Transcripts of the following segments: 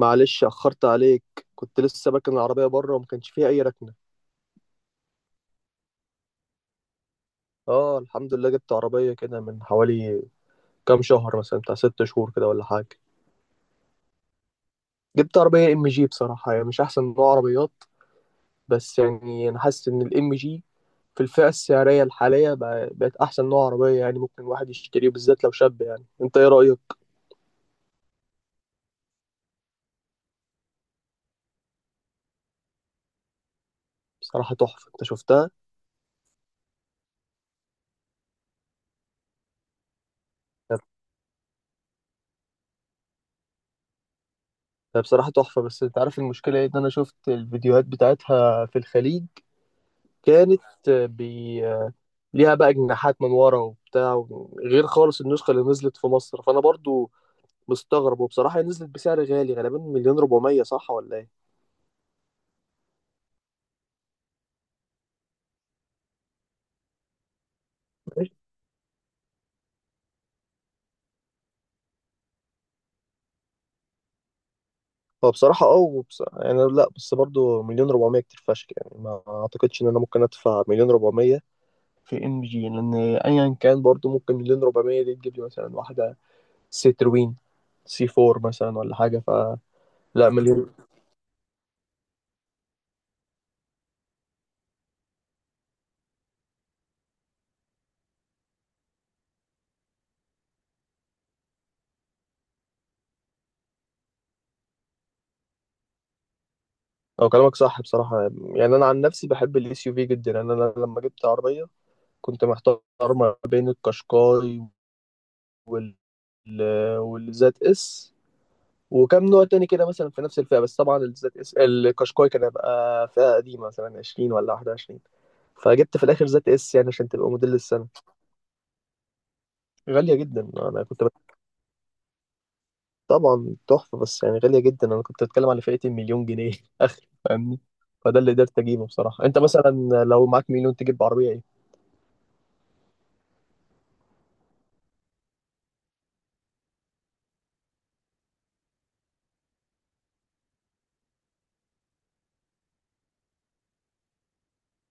معلش أخرت عليك. كنت لسه باكن العربية بره وما كانش فيها أي ركنة. اه، الحمد لله، جبت عربية كده من حوالي كام شهر، مثلا بتاع ست شهور كده ولا حاجة. جبت عربية ام جي، بصراحة يعني مش أحسن نوع عربيات، بس يعني أنا حاسس إن الام جي في الفئة السعرية الحالية بقت أحسن نوع عربية، يعني ممكن الواحد يشتريه بالذات لو شاب. يعني أنت إيه رأيك؟ بصراحة تحفة، أنت شفتها؟ هي بصراحة تحفة، بس أنت عارف المشكلة إيه؟ إن أنا شفت الفيديوهات بتاعتها في الخليج، كانت بي، ليها بقى جناحات من ورا وبتاع غير خالص النسخة اللي نزلت في مصر، فأنا برضو مستغرب. وبصراحة هي نزلت بسعر غالي، غالبا مليون ربعمية، صح ولا إيه؟ فبصراحة أه يعني لا، بس برضو مليون ربعمية كتير فشخ، يعني ما أعتقدش إن أنا ممكن أدفع مليون ربعمية في إم جي، لأن أيا كان برضو ممكن مليون ربعمية دي تجيب لي مثلا واحدة سيتروين سي 4 مثلا ولا حاجة، فلا. مليون. أو كلامك صح بصراحة. يعني أنا عن نفسي بحب الإس يو في جدا. يعني أنا لما جبت عربية كنت محتار ما بين القشقاي وال والزد اس وكم نوع تاني كده، مثلا في نفس الفئة، بس طبعا الزد اس القشقاي كان هيبقى فئة قديمة، مثلا 20 ولا 21، فجبت في الآخر زد اس يعني عشان تبقى موديل السنة. غالية جدا، أنا طبعا تحفة، بس يعني غالية جدا، أنا كنت بتكلم على فئة المليون جنيه آخر، فاهمني. فده اللي قدرت أجيبه بصراحة. أنت مثلا لو معاك مليون تجيب عربية إيه؟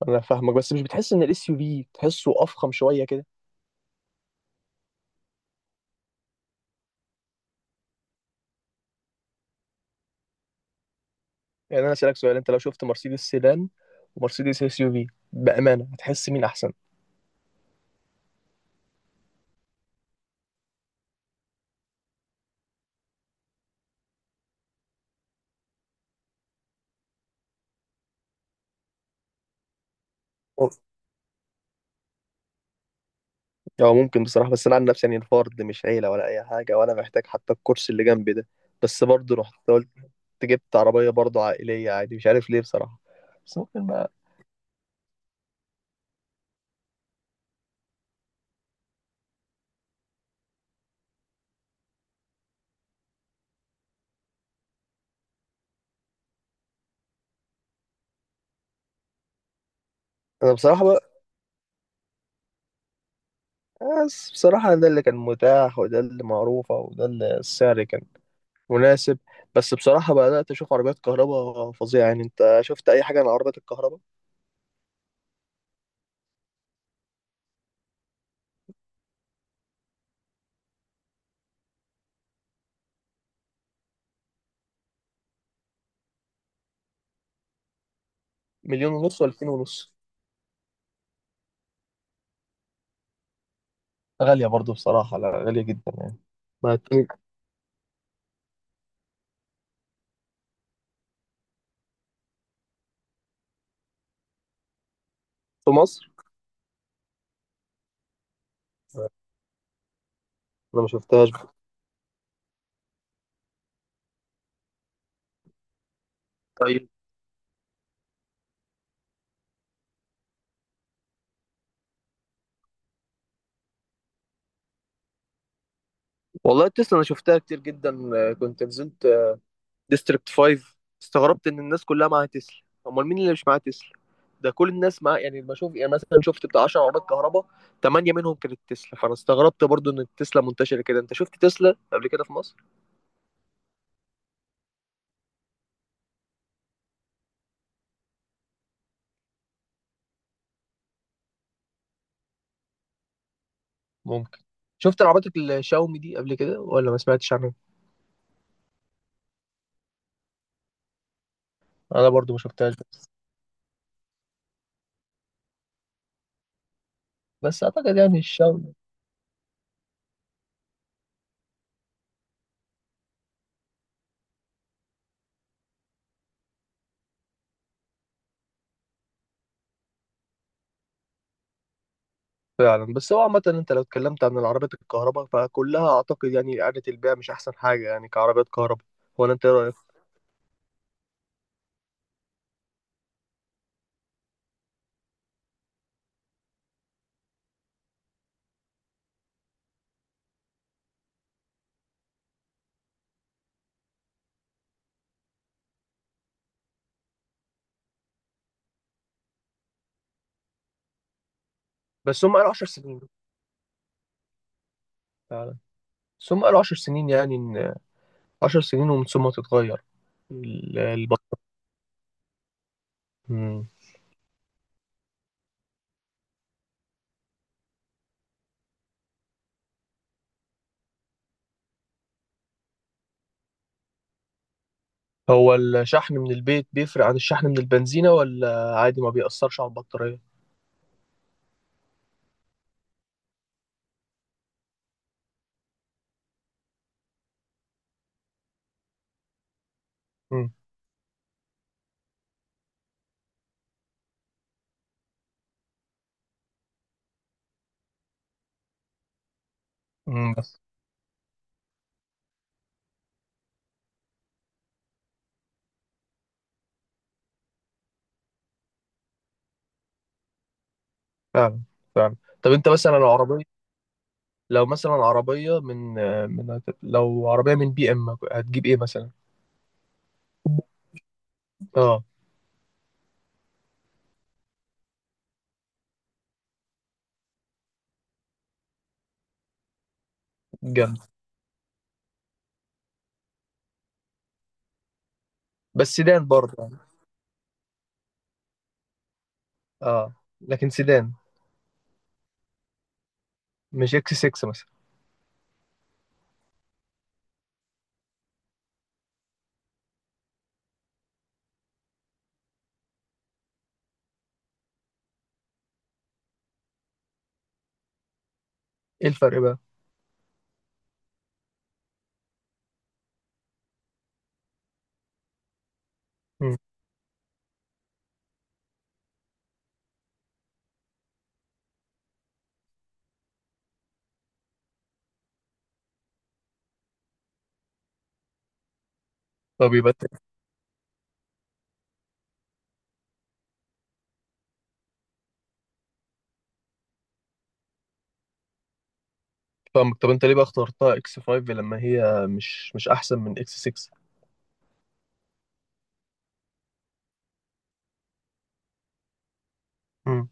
أنا فاهمك، بس مش بتحس إن الإس يو في تحسه أفخم شوية كده؟ يعني انا اسالك سؤال، انت لو شفت مرسيدس سيدان ومرسيدس اس يو في، بامانه هتحس مين احسن؟ هو ممكن بصراحه، بس انا عن نفسي يعني الفرد، مش عيله ولا اي حاجه، ولا محتاج حتى الكرسي اللي جنبي ده، بس برضه رحت قلت جبت عربيه برضه عائليه عادي، مش عارف ليه بصراحه. بس ممكن بقى. انا بصراحه بقى، بس بصراحه ده اللي كان متاح، وده اللي معروفه، وده اللي السعر كان مناسب. بس بصراحه بدات اشوف عربيات كهرباء فظيعه، يعني انت شفت اي حاجه عن عربيات الكهرباء؟ مليون ونص ولا اتنين ونص؟ غالية برضو بصراحة، لا غالية جدا يعني. ما هتكون في مصر. انا ما شفتهاش. طيب. والله تسلا انا شفتها كتير جدا، آه، كنت نزلت آه، ديستريكت 5، استغربت ان الناس كلها معاها تسلا، امال مين اللي مش معاه تسلا؟ ده كل الناس معاه، يعني بشوف يعني مثلا شفت بتاع 10 عربيات كهرباء، 8 منهم كانت تسلا، فانا استغربت برضو ان التسلا منتشره كده. انت شفت تسلا قبل كده في مصر؟ ممكن. شفت العربيات الشاومي دي قبل كده ولا ما سمعتش عنها؟ أنا برضو ما شفتهاش، بس بس أعتقد يعني الشاومي. فعلا. بس هو عامة انت لو اتكلمت عن العربيات الكهرباء فكلها اعتقد يعني اعادة البيع مش احسن حاجة، يعني كعربيات كهرباء. ولا انت ايه رأيك؟ بس هم قالوا 10 سنين. فعلا. بس هم قالوا 10 سنين، يعني ان 10 سنين ومن ثم تتغير البطارية. مم. هو الشحن من البيت بيفرق عن الشحن من البنزينة، ولا عادي ما بيأثرش على البطارية؟ مم. مم. بس، فعلا. فعلا. طب انت مثلا العربية، لو مثلا عربية من من لو عربية من بي ام، هتجيب ايه مثلا؟ اه. جنب. بس سيدان برضه يعني. اه. لكن سيدان. مش اكس 6 مثلا؟ ايه الفرق بقى؟ مم. طب يبقى أنت- فاهمك. طب انت ليه بقى اخترتها اكس 5، لما هي مش احسن من اكس 6؟ مم.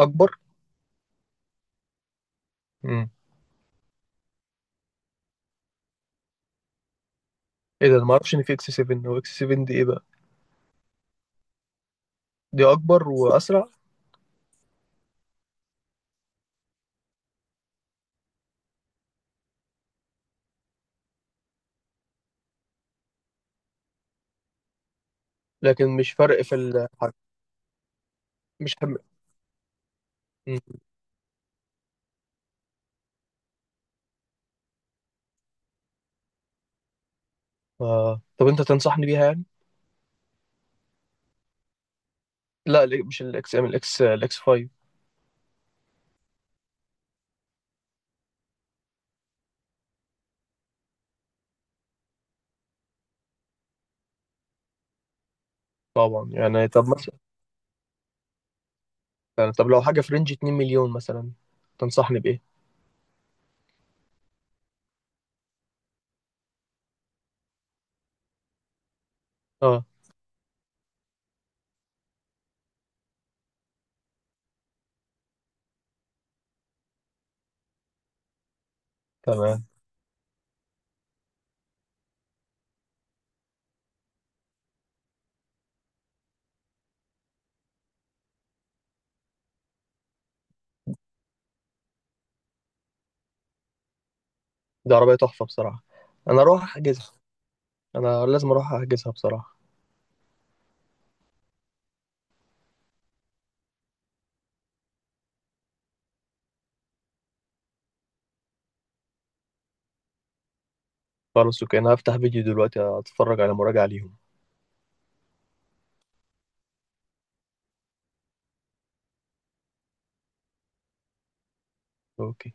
اكبر. مم. ايه ده، انا ما اعرفش ان في اكس 7. هو اكس 7 دي ايه بقى؟ دي اكبر واسرع؟ لكن مش فرق في الحركه. مش حم... مم. آه. طب انت تنصحني بيها يعني؟ لا ال- مش الاكس ام الاكس الاكس 5. طبعا. يعني طب مثلا، يعني طب لو حاجه في رينج 2 مليون مثلا، تنصحني بايه؟ اه. تمام. دي عربية تحفة بصراحة. أنا أروح أحجزها. أنا لازم أروح أحجزها بصراحة. خلاص أوكي، أنا هفتح فيديو دلوقتي أتفرج على مراجعة ليهم. أوكي.